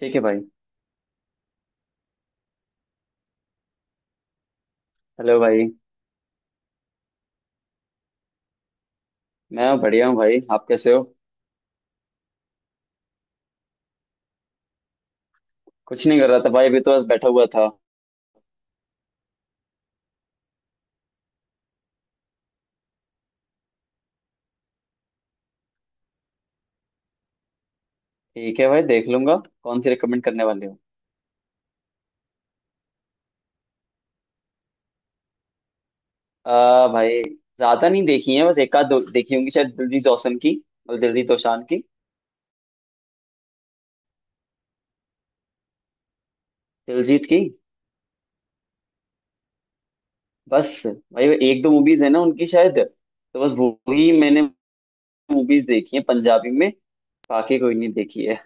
ठीक है भाई। हेलो भाई। मैं बढ़िया हूँ भाई, आप कैसे हो? कुछ नहीं कर रहा था भाई, अभी तो बस बैठा हुआ था। ठीक है भाई, देख लूंगा। कौन सी रिकमेंड करने वाले हो? आ भाई ज्यादा नहीं देखी है, बस एक आध दो देखी होंगी शायद दिलजीत दोसान की। मतलब दिलजीत दोसांझ की। दिलजीत की। बस। भाई वो एक दो मूवीज है ना उनकी, शायद तो बस वो ही मैंने मूवीज देखी है पंजाबी में। बाकी कोई नहीं देखी है।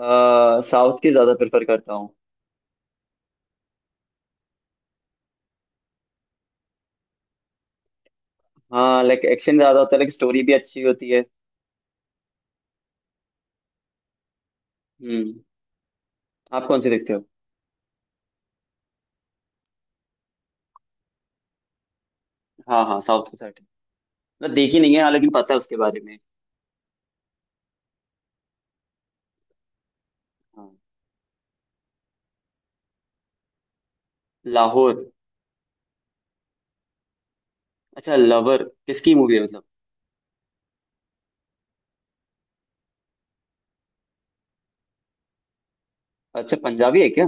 आ साउथ की ज्यादा प्रेफर करता हूँ। हाँ, लाइक एक्शन ज्यादा होता है, लाइक स्टोरी भी अच्छी होती है। हम्म। आप कौन सी देखते हो? हाँ हाँ, साउथ की साइड है। मतलब देखी नहीं है, हालांकि पता है उसके बारे में। हाँ। लाहौर। अच्छा, लवर किसकी मूवी है मतलब? अच्छा, पंजाबी है क्या?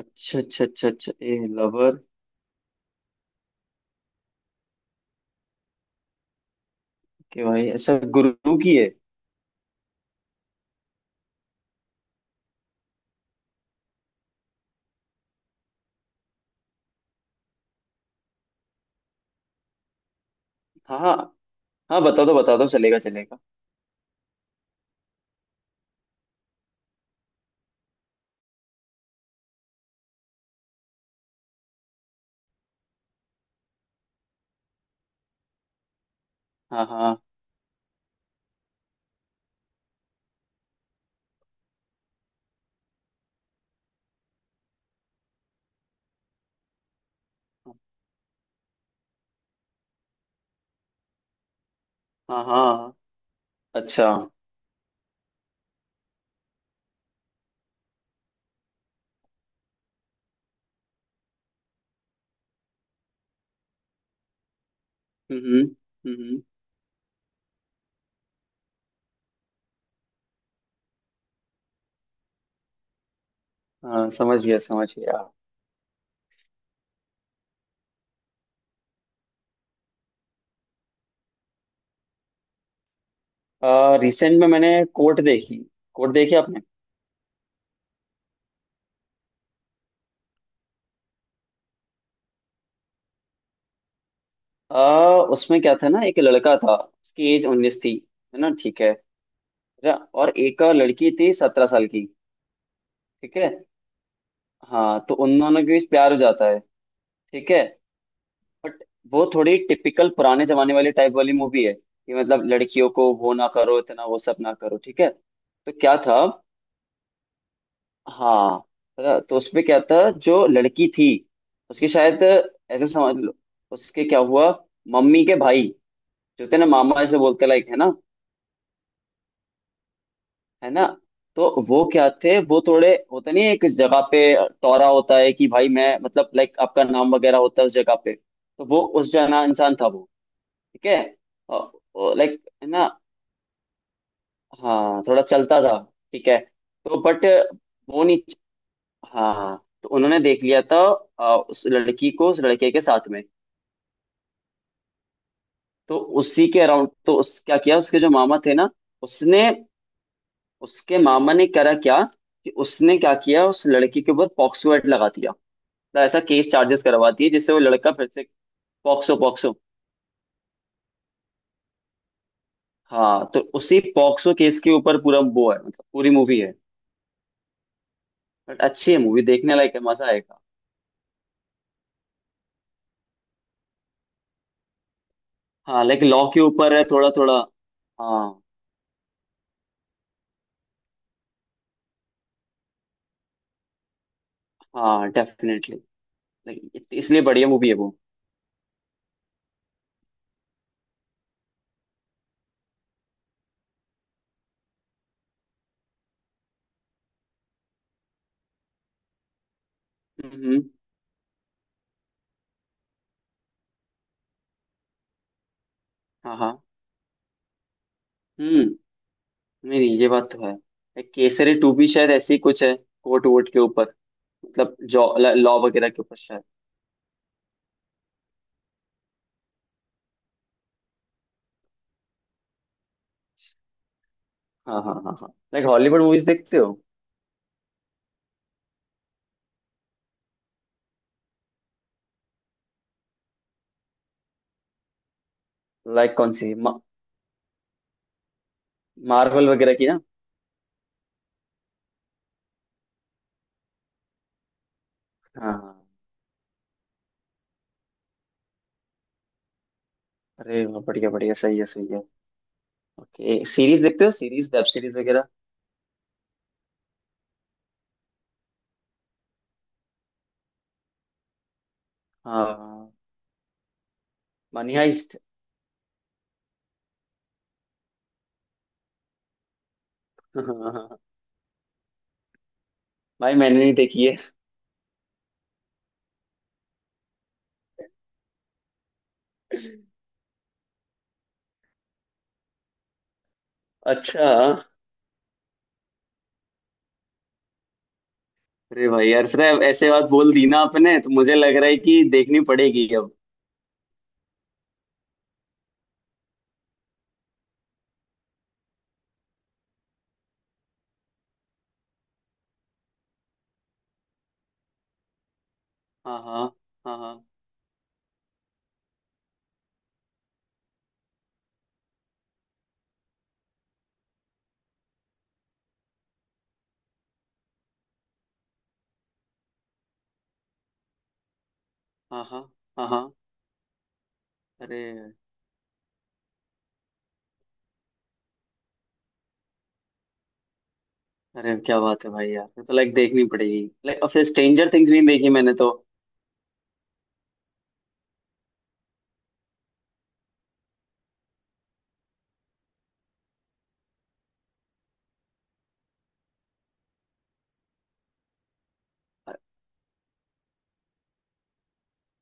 अच्छा अच्छा अच्छा अच्छा, ए लवर। के भाई, अच्छा गुरु की है। हाँ हाँ हाँ, बता दो बता दो, चलेगा चलेगा। हाँ हाँ हाँ हाँ हाँ हाँ। अच्छा। हम्म हम्म हम्म, हाँ, समझ गया समझ गया। रिसेंट में मैंने कोर्ट देखी। कोर्ट देखी आपने? उसमें क्या था ना, एक लड़का था। उसकी एज 19 थी। है ना, ठीक है। अच्छा, और एक और लड़की थी 17 साल की। ठीक है। हाँ तो उन दोनों के बीच प्यार हो जाता है। ठीक है। बट वो थोड़ी टिपिकल पुराने जमाने वाली टाइप वाली मूवी है कि मतलब लड़कियों को वो ना करो इतना वो सब ना करो, ठीक है तो क्या था। हाँ। तो उसमें क्या था, जो लड़की थी उसके शायद, ऐसे समझ लो, उसके क्या हुआ। मम्मी के भाई जो थे ना, मामा ऐसे बोलते लाइक है ना। है ना। तो वो क्या थे, वो थोड़े होता नहीं है एक जगह पे, टोरा होता है कि भाई मैं मतलब लाइक आपका नाम वगैरह होता है उस जगह पे, तो वो उस जना इंसान था वो। ठीक है। लाइक है ना। हाँ, थोड़ा चलता था। ठीक है। तो बट वो नहीं। हाँ हाँ, तो उन्होंने देख लिया था। उस लड़की को उस लड़के के साथ में। तो उसी के अराउंड, तो उस क्या किया उसके जो मामा थे ना, उसने, उसके मामा ने करा क्या, कि उसने क्या किया उस लड़की के ऊपर पॉक्सो एक्ट लगा दिया। ऐसा केस चार्जेस करवाती है जिससे वो लड़का फिर से। POCSO POCSO. हाँ तो उसी पॉक्सो केस के ऊपर पूरा वो है, मतलब पूरी मूवी है। बट अच्छी है मूवी, देखने लायक है, मजा आएगा। हाँ, लाइक लॉ के ऊपर है थोड़ा थोड़ा। हाँ हाँ, डेफिनेटली। लाइक इसलिए बढ़िया मूवी है वो। हम्म। हाँ हाँ। हम्म, नहीं नहीं, ये बात तो है। एक केसरी टू भी शायद ऐसी ही कुछ है। कोर्ट वोट के ऊपर, मतलब जॉ, लॉ वगैरह के ऊपर शायद। हाँ हाँ हाँ हाँ, लाइक हॉलीवुड मूवीज देखते हो? लाइक कौन सी? मार्वल वगैरह की ना? हाँ। अरे वाह, बढ़िया बढ़िया, सही है सही है। ओके, सीरीज देखते हो? सीरीज वेब सीरीज वगैरह? हाँ। Money heist. भाई, मैंने नहीं देखी है। अच्छा। अरे भाई यार पता है, ऐसे बात बोल दी ना आपने, तो मुझे लग रहा है कि देखनी पड़ेगी अब। हाँ हाँ हाँ हाँ हाँ हाँ हाँ हाँ। अरे। अरे क्या बात है भाई यार, ये तो लाइक देखनी पड़ेगी, लाइक और फिर स्ट्रेंजर थिंग्स भी नहीं देखी मैंने तो।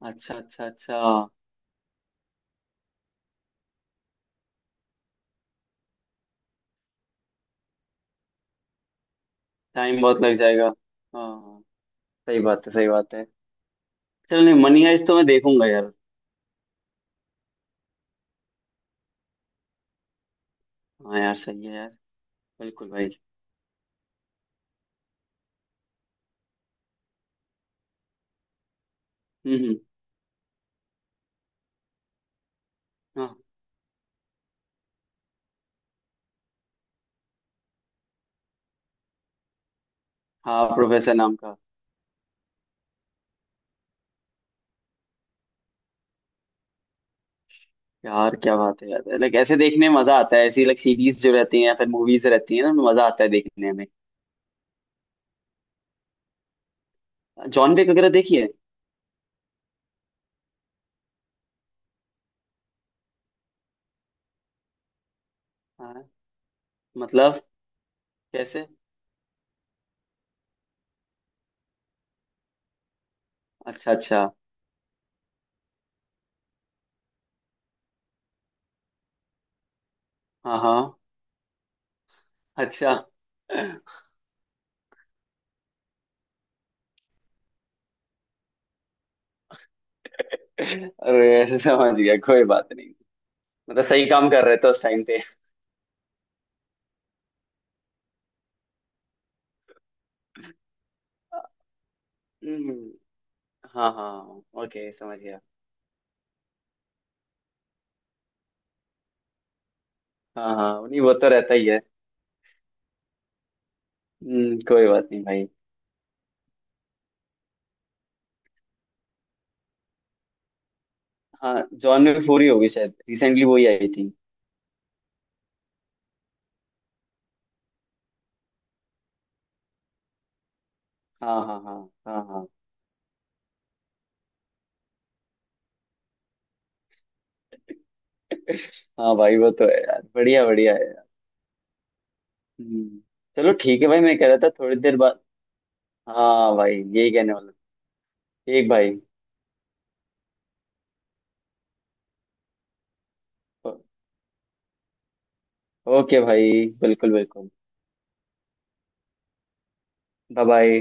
अच्छा अच्छा अच्छा। टाइम बहुत लग जाएगा। हाँ हाँ, सही बात है सही बात है। चल नहीं, मनी हाइस्ट तो मैं देखूंगा यार। हाँ यार, सही है यार। बिल्कुल भाई। हम्म हम्म, हाँ। हाँ, प्रोफेसर नाम का। यार क्या बात है यार, लाइक ऐसे देखने में मजा आता है, ऐसी लाइक सीरीज जो रहती हैं या फिर मूवीज रहती हैं ना उनमें मजा आता है देखने में। जॉन विक वगैरह देखी है? हाँ। मतलब, कैसे? अच्छा अच्छा। हाँ हाँ। अच्छा। अरे। ऐसे समझ गया, कोई बात नहीं। मतलब सही काम कर रहे थे उस टाइम पे। हम्म, हाँ हाँ, ओके समझ गया। हाँ हाँ नहीं, वो तो रहता ही है। कोई बात नहीं भाई। हाँ, जॉन में फूरी होगी शायद, रिसेंटली वही आई थी। हाँ हाँ हाँ हाँ हाँ। हाँ भाई वो तो है यार, बढ़िया बढ़िया है यार। हम्म, चलो ठीक है भाई, मैं कह रहा था थोड़ी देर बाद। हाँ भाई, यही कहने वाला था। ठीक भाई। ओ- ओके भाई बिल्कुल बिल्कुल। Bye bye.